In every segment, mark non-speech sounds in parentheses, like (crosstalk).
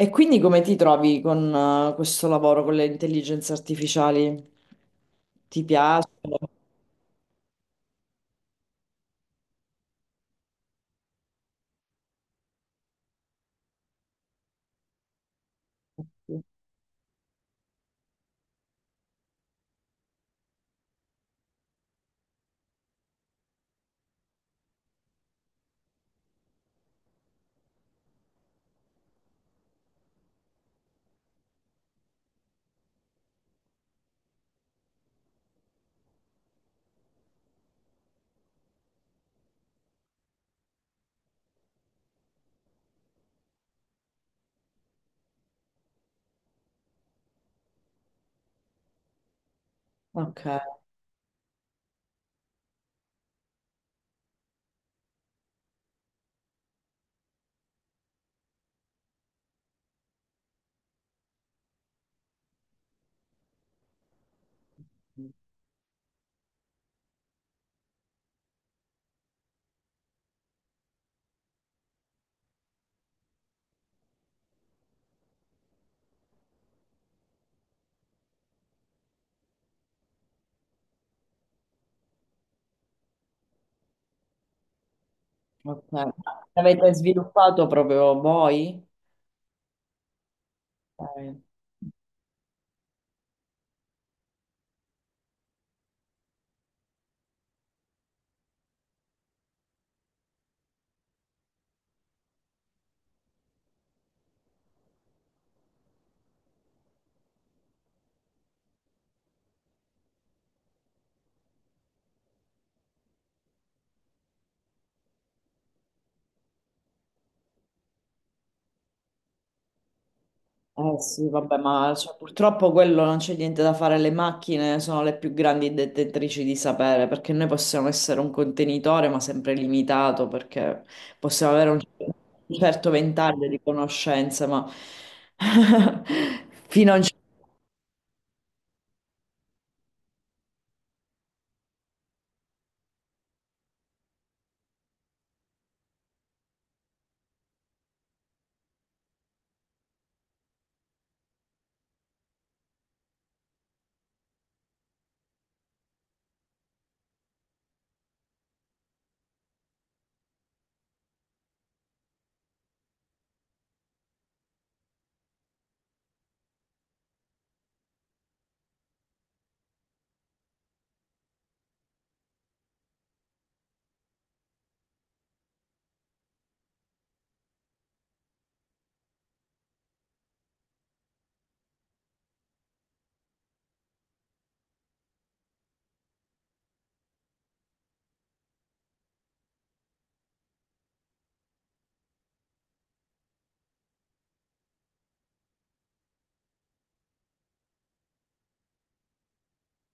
E quindi come ti trovi con questo lavoro con le intelligenze artificiali? Ti piace? Ok, ok. L'avete sviluppato proprio voi? Ok. Eh sì, vabbè, ma cioè, purtroppo quello non c'è niente da fare, le macchine sono le più grandi detentrici di sapere, perché noi possiamo essere un contenitore, ma sempre limitato, perché possiamo avere un certo ventaglio di conoscenze, ma (laughs) fino a un.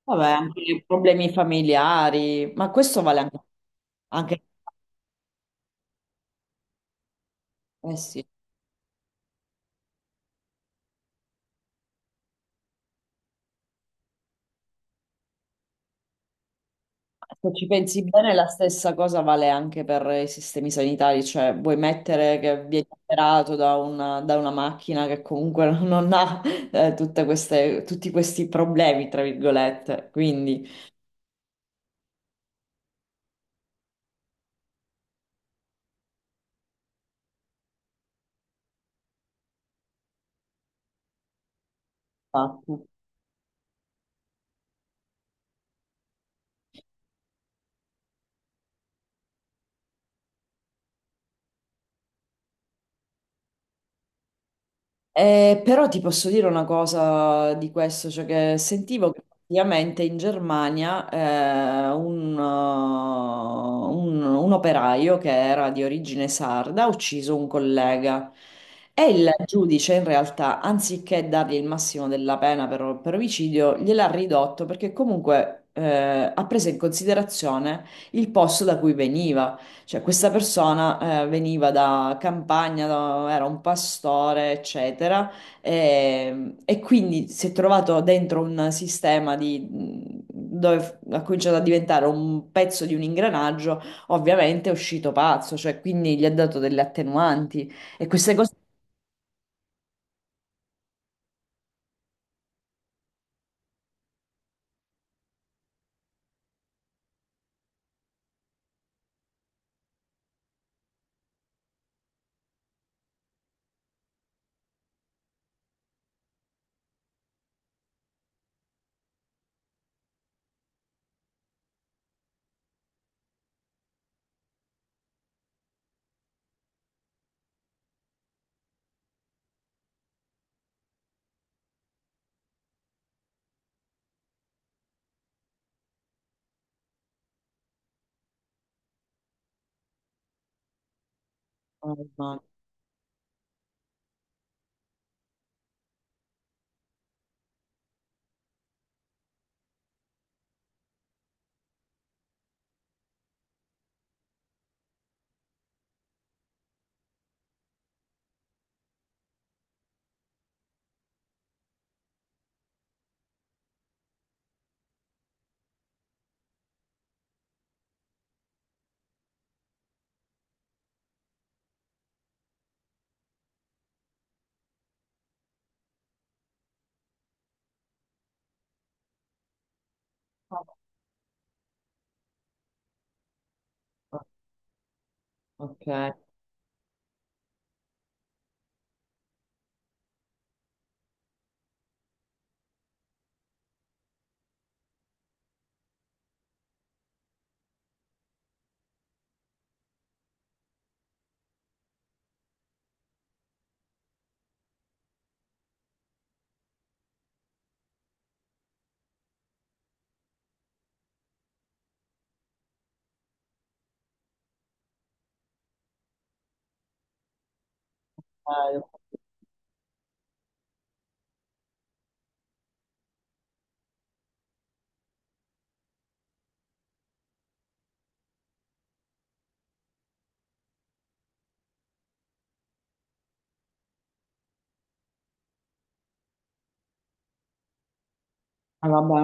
Vabbè, anche i problemi familiari, ma questo vale anche, anche- eh sì, se ci pensi bene, la stessa cosa vale anche per i sistemi sanitari, cioè vuoi mettere che vieni operato da una macchina che comunque (laughs) non ha tutte queste, tutti questi problemi, tra virgolette, quindi... Ah. Però ti posso dire una cosa di questo, cioè che sentivo che praticamente in Germania un operaio che era di origine sarda ha ucciso un collega e il giudice in realtà, anziché dargli il massimo della pena per omicidio, gliel'ha ridotto perché comunque ha preso in considerazione il posto da cui veniva. Cioè, questa persona veniva da campagna, era un pastore, eccetera, e quindi si è trovato dentro un dove ha cominciato a diventare un pezzo di un ingranaggio, ovviamente è uscito pazzo, cioè, quindi gli ha dato delle attenuanti e queste cose... Oh, no. Ok, ah, vabbè.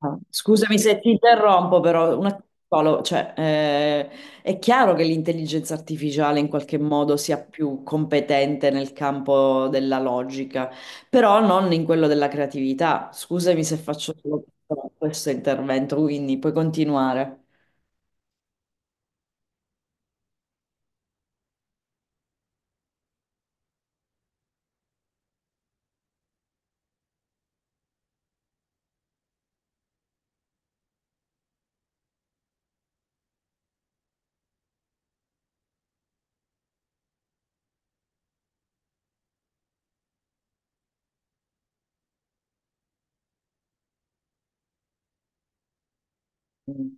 Ah, scusami se ti interrompo, però un attimo solo, cioè, è chiaro che l'intelligenza artificiale in qualche modo sia più competente nel campo della logica, però non in quello della creatività. Scusami se faccio solo questo, questo intervento, quindi puoi continuare. Mm.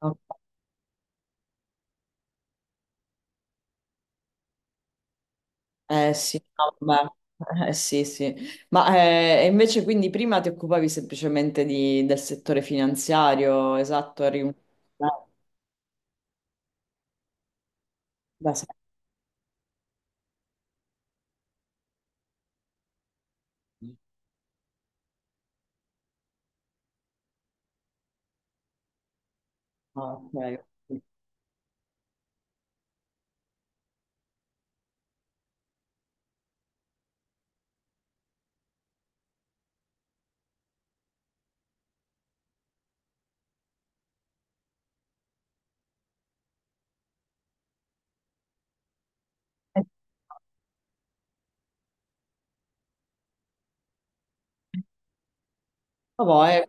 Ok. Eh sì, no, vabbè. Sì, sì. Ma invece quindi prima ti occupavi semplicemente del settore finanziario, esatto, eri un... Da, da sempre. Ah, ok. Ok. Eh, vabbè,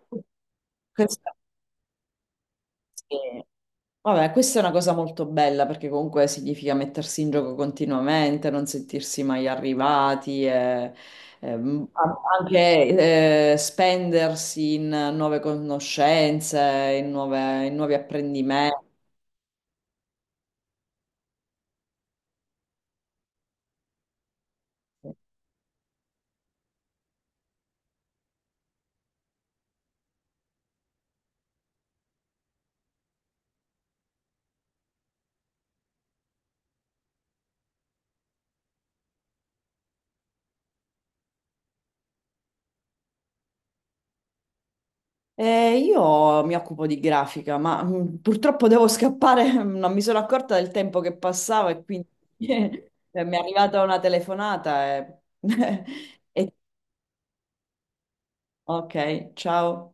questa, sì. Vabbè, questa è una cosa molto bella perché comunque significa mettersi in gioco continuamente, non sentirsi mai arrivati, e, anche spendersi in nuove conoscenze, in nuovi apprendimenti. Io mi occupo di grafica, ma purtroppo devo scappare, (laughs) non mi sono accorta del tempo che passava e quindi (laughs) eh, mi è arrivata una telefonata e... (laughs) e- Ok, ciao.